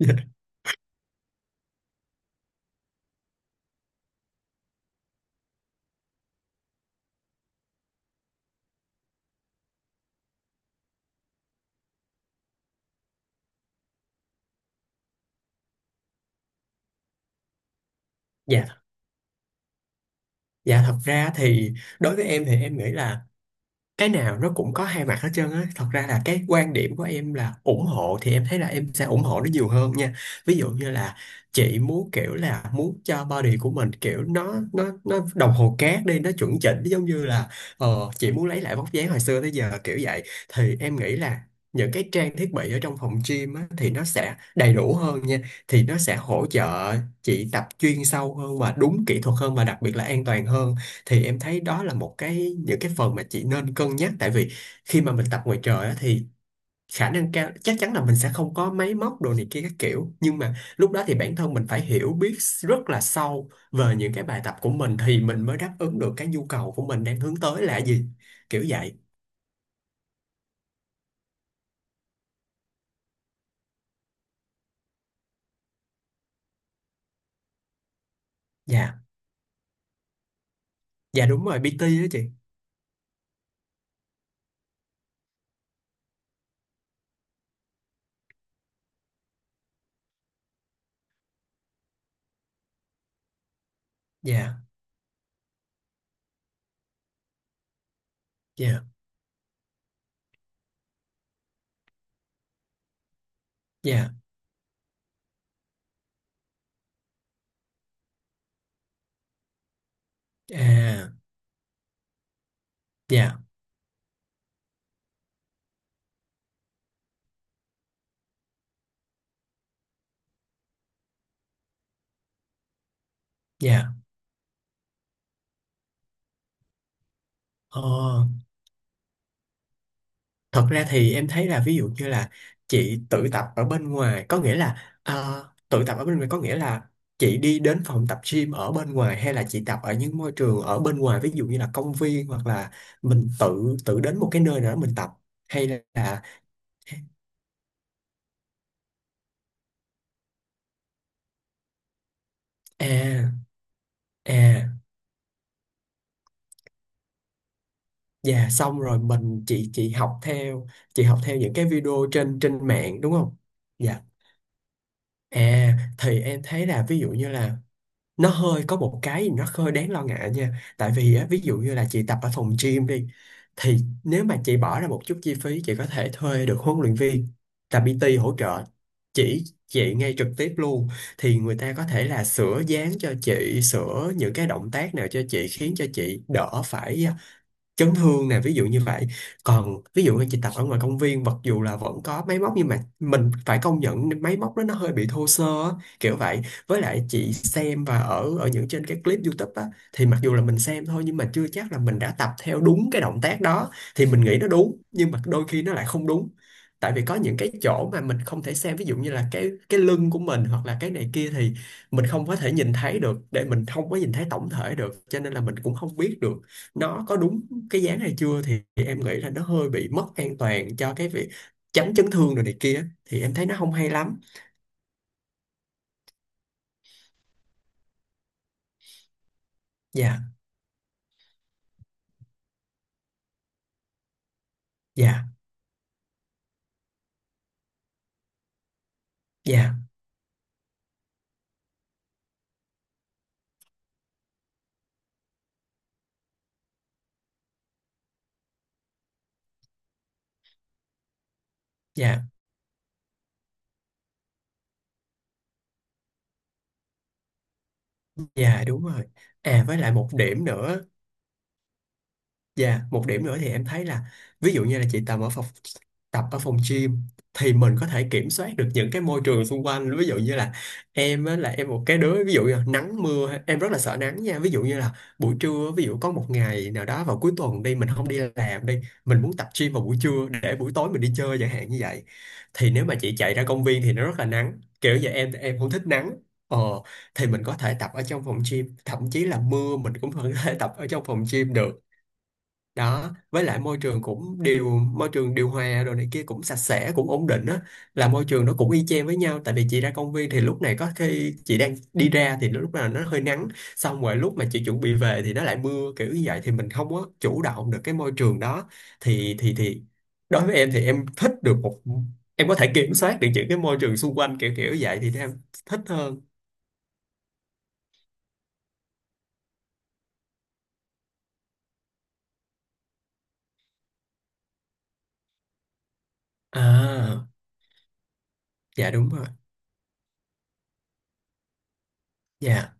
Dạ, dạ, dạ, thật ra thì đối với em thì em nghĩ là cái nào nó cũng có hai mặt hết trơn á. Thật ra là cái quan điểm của em là ủng hộ thì em thấy là em sẽ ủng hộ nó nhiều hơn nha. Ví dụ như là chị muốn kiểu là muốn cho body của mình kiểu nó đồng hồ cát đi nó chuẩn chỉnh giống như là chị muốn lấy lại vóc dáng hồi xưa tới giờ kiểu vậy. Thì em nghĩ là những cái trang thiết bị ở trong phòng gym á, thì nó sẽ đầy đủ hơn nha. Thì nó sẽ hỗ trợ chị tập chuyên sâu hơn và đúng kỹ thuật hơn và đặc biệt là an toàn hơn. Thì em thấy đó là một cái những cái phần mà chị nên cân nhắc, tại vì khi mà mình tập ngoài trời á, thì khả năng cao chắc chắn là mình sẽ không có máy móc đồ này kia các kiểu. Nhưng mà lúc đó thì bản thân mình phải hiểu biết rất là sâu về những cái bài tập của mình thì mình mới đáp ứng được cái nhu cầu của mình đang hướng tới là gì, kiểu vậy. Dạ, dạ, đúng rồi. PT đó chị. Dạ, dạ, dạ, à, dạ, dạ, ờ. Thật ra thì em thấy là ví dụ như là chị tự tập ở bên ngoài có nghĩa là tự tập ở bên ngoài có nghĩa là chị đi đến phòng tập gym ở bên ngoài, hay là chị tập ở những môi trường ở bên ngoài, ví dụ như là công viên, hoặc là mình tự tự đến một cái nơi nào đó mình tập, hay là à, à, dạ xong rồi mình chị học theo, chị học theo những cái video trên trên mạng, đúng không? Dạ. À, thì em thấy là ví dụ như là nó hơi có một cái nó hơi đáng lo ngại nha, tại vì á, ví dụ như là chị tập ở phòng gym đi, thì nếu mà chị bỏ ra một chút chi phí chị có thể thuê được huấn luyện viên là PT hỗ trợ, chỉ chị ngay trực tiếp luôn, thì người ta có thể là sửa dáng cho chị, sửa những cái động tác nào cho chị, khiến cho chị đỡ phải chấn thương nè, ví dụ như vậy. Còn ví dụ như chị tập ở ngoài công viên, mặc dù là vẫn có máy móc nhưng mà mình phải công nhận máy móc đó nó hơi bị thô sơ á, kiểu vậy. Với lại chị xem và ở ở những trên cái clip YouTube á, thì mặc dù là mình xem thôi nhưng mà chưa chắc là mình đã tập theo đúng cái động tác đó. Thì mình nghĩ nó đúng nhưng mà đôi khi nó lại không đúng, tại vì có những cái chỗ mà mình không thể xem, ví dụ như là cái lưng của mình hoặc là cái này kia thì mình không có thể nhìn thấy được, để mình không có nhìn thấy tổng thể được cho nên là mình cũng không biết được nó có đúng cái dáng hay chưa. Thì em nghĩ là nó hơi bị mất an toàn cho cái việc tránh chấn thương rồi này kia, thì em thấy nó không hay lắm. Dạ, dạ, dạ, dạ, dạ, đúng rồi. À, với lại một điểm nữa. Dạ, một điểm nữa thì em thấy là ví dụ như là chị tập ở phòng gym thì mình có thể kiểm soát được những cái môi trường xung quanh, ví dụ như là em á, là em một cái đứa ví dụ như là nắng mưa em rất là sợ nắng nha. Ví dụ như là buổi trưa ví dụ có một ngày nào đó vào cuối tuần đi, mình không đi làm đi, mình muốn tập gym vào buổi trưa để buổi tối mình đi chơi chẳng hạn như vậy. Thì nếu mà chị chạy ra công viên thì nó rất là nắng kiểu vậy, em không thích nắng, ờ, thì mình có thể tập ở trong phòng gym, thậm chí là mưa mình cũng vẫn có thể tập ở trong phòng gym được. Đó, với lại môi trường cũng môi trường điều hòa rồi này kia cũng sạch sẽ cũng ổn định á, là môi trường nó cũng y chang với nhau. Tại vì chị ra công viên thì lúc này có khi chị đang đi ra thì lúc nào nó hơi nắng, xong rồi lúc mà chị chuẩn bị về thì nó lại mưa, kiểu như vậy, thì mình không có chủ động được cái môi trường đó. Thì đối với em thì em thích được một em có thể kiểm soát được những cái môi trường xung quanh kiểu kiểu vậy thì em thích hơn. À, dạ, đúng rồi. Dạ,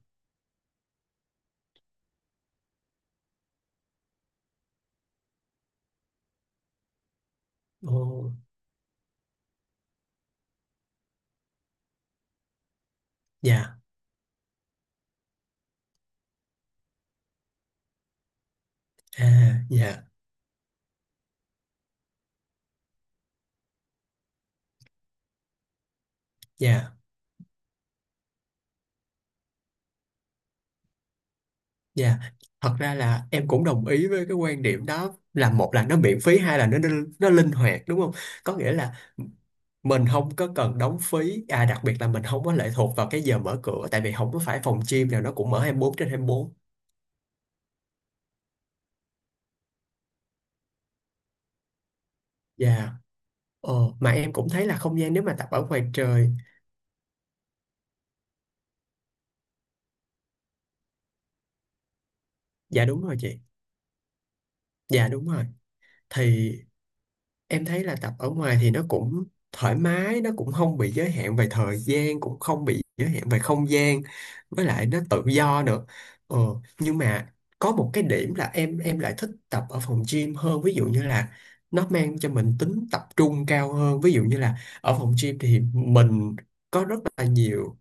ô, dạ, à, dạ, dạ. Dạ, thật ra là em cũng đồng ý với cái quan điểm đó là một là nó miễn phí, hai là nó linh hoạt, đúng không? Có nghĩa là mình không có cần đóng phí, à, đặc biệt là mình không có lệ thuộc vào cái giờ mở cửa tại vì không có phải phòng gym nào nó cũng mở hai mươi bốn trên 24. Dạ. Ờ, mà em cũng thấy là không gian nếu mà tập ở ngoài trời, dạ đúng rồi chị. Dạ đúng rồi. Thì em thấy là tập ở ngoài thì nó cũng thoải mái, nó cũng không bị giới hạn về thời gian cũng không bị giới hạn về không gian, với lại nó tự do nữa. Ờ, nhưng mà có một cái điểm là em lại thích tập ở phòng gym hơn, ví dụ như là nó mang cho mình tính tập trung cao hơn. Ví dụ như là ở phòng gym thì mình có rất là nhiều,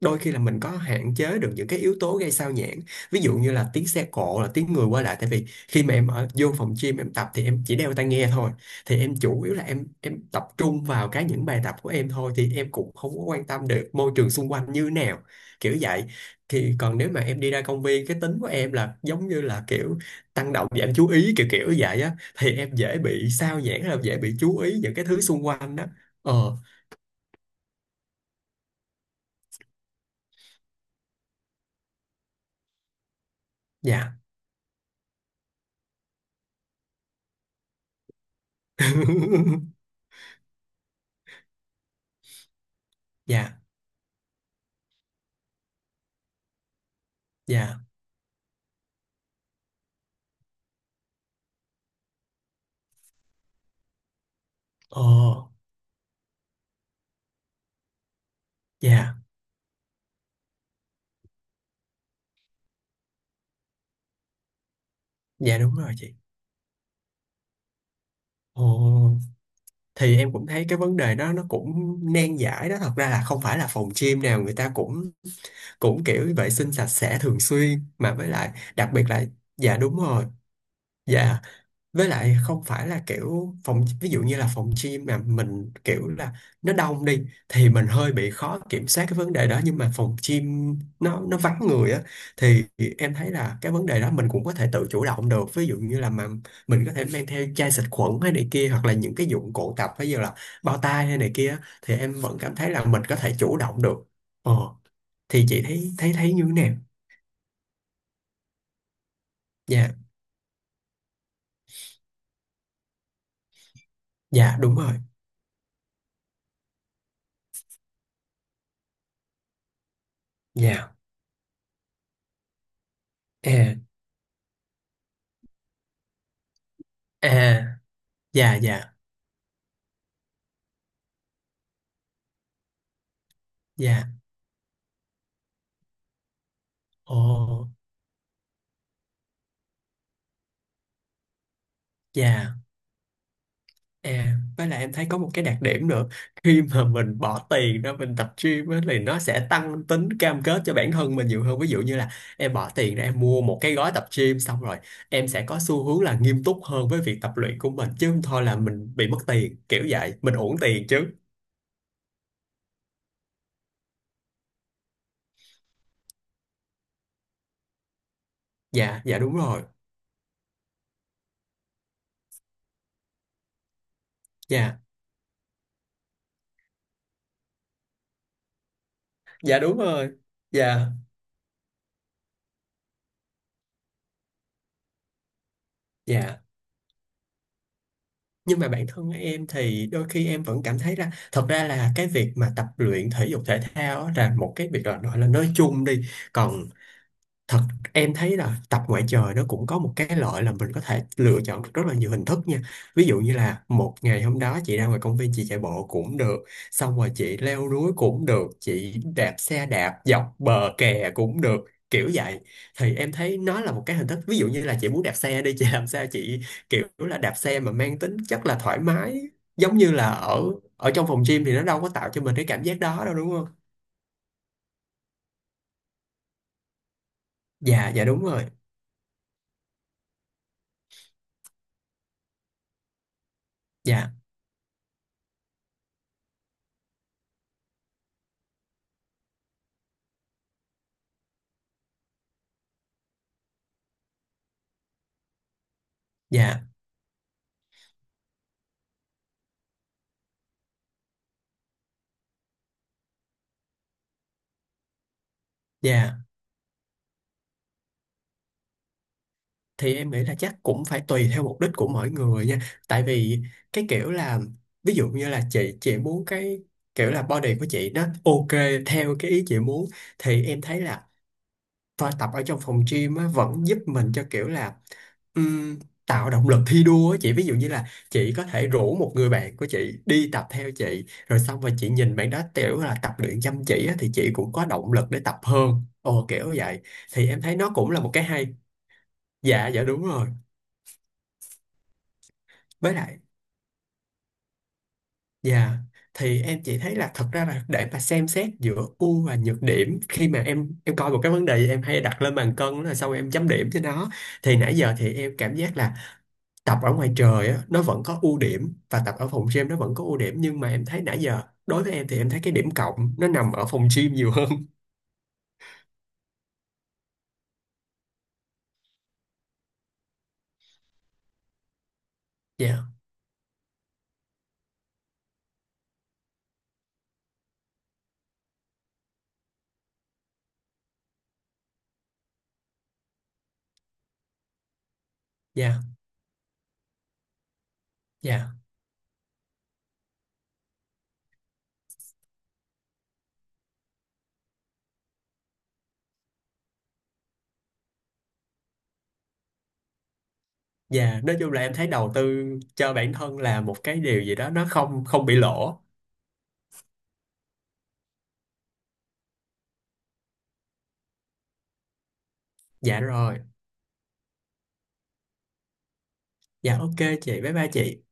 đôi khi là mình có hạn chế được những cái yếu tố gây sao nhãng, ví dụ như là tiếng xe cộ là tiếng người qua lại. Tại vì khi mà em ở vô phòng gym em tập thì em chỉ đeo tai nghe thôi, thì em chủ yếu là em tập trung vào cái những bài tập của em thôi thì em cũng không có quan tâm được môi trường xung quanh như nào, kiểu vậy. Thì còn nếu mà em đi ra công viên cái tính của em là giống như là kiểu tăng động giảm chú ý kiểu kiểu vậy á thì em dễ bị sao nhãng, là dễ bị chú ý những cái thứ xung quanh đó. Ờ, dạ. Dạ, dạ. Ồ, dạ, dạ, đúng rồi chị. Ồ, thì em cũng thấy cái vấn đề đó nó cũng nan giải đó. Thật ra là không phải là phòng gym nào người ta cũng cũng kiểu vệ sinh sạch sẽ thường xuyên. Mà với lại, đặc biệt là, dạ đúng rồi. Dạ, với lại không phải là kiểu phòng ví dụ như là phòng gym mà mình kiểu là nó đông đi thì mình hơi bị khó kiểm soát cái vấn đề đó, nhưng mà phòng gym nó vắng người á, thì em thấy là cái vấn đề đó mình cũng có thể tự chủ động được. Ví dụ như là mà mình có thể mang theo chai xịt khuẩn hay này kia, hoặc là những cái dụng cụ tập ví dụ là bao tay hay này kia á, thì em vẫn cảm thấy là mình có thể chủ động được. Ờ, thì chị thấy thấy thấy như thế nào. Dạ, dạ, đúng rồi. Dạ, à, à, dạ, dạ, dạ. Ồ, dạ. À, với lại em thấy có một cái đặc điểm nữa. Khi mà mình bỏ tiền ra mình tập gym á, thì nó sẽ tăng tính cam kết cho bản thân mình nhiều hơn. Ví dụ như là em bỏ tiền ra em mua một cái gói tập gym xong rồi em sẽ có xu hướng là nghiêm túc hơn với việc tập luyện của mình. Chứ không thôi là mình bị mất tiền, kiểu vậy. Mình uổng tiền chứ. Dạ, dạ đúng rồi. Dạ, dạ đúng rồi. Dạ, dạ. Nhưng mà bản thân em thì đôi khi em vẫn cảm thấy là thật ra là cái việc mà tập luyện thể dục thể thao á là một cái việc là gọi là nói chung đi, còn thật em thấy là tập ngoại trời nó cũng có một cái lợi là mình có thể lựa chọn được rất là nhiều hình thức nha. Ví dụ như là một ngày hôm đó chị ra ngoài công viên chị chạy bộ cũng được, xong rồi chị leo núi cũng được, chị đạp xe đạp dọc bờ kè cũng được, kiểu vậy. Thì em thấy nó là một cái hình thức ví dụ như là chị muốn đạp xe đi chị làm sao chị kiểu là đạp xe mà mang tính chất là thoải mái, giống như là ở ở trong phòng gym thì nó đâu có tạo cho mình cái cảm giác đó đâu, đúng không? Dạ, dạ, đúng rồi. Dạ, dạ, dạ. Thì em nghĩ là chắc cũng phải tùy theo mục đích của mỗi người nha, tại vì cái kiểu là ví dụ như là chị muốn cái kiểu là body của chị nó ok theo cái ý chị muốn, thì em thấy là thôi tập ở trong phòng gym á, vẫn giúp mình cho kiểu là ừm, tạo động lực thi đua á chị, ví dụ như là chị có thể rủ một người bạn của chị đi tập theo chị rồi xong rồi chị nhìn bạn đó kiểu là tập luyện chăm chỉ á, thì chị cũng có động lực để tập hơn, ồ kiểu vậy, thì em thấy nó cũng là một cái hay. Dạ, dạ, đúng rồi. Với lại dạ, thì em chỉ thấy là thật ra là để mà xem xét giữa ưu và nhược điểm khi mà em coi một cái vấn đề em hay đặt lên bàn cân là sau em chấm điểm cho nó, thì nãy giờ thì em cảm giác là tập ở ngoài trời á, nó vẫn có ưu điểm và tập ở phòng gym nó vẫn có ưu điểm. Nhưng mà em thấy nãy giờ đối với em thì em thấy cái điểm cộng nó nằm ở phòng gym nhiều hơn. Dạ, dạ, dạ. Dạ, nói chung là em thấy đầu tư cho bản thân là một cái điều gì đó nó không không bị lỗ. Dạ rồi. Dạ ok chị, bye bye chị.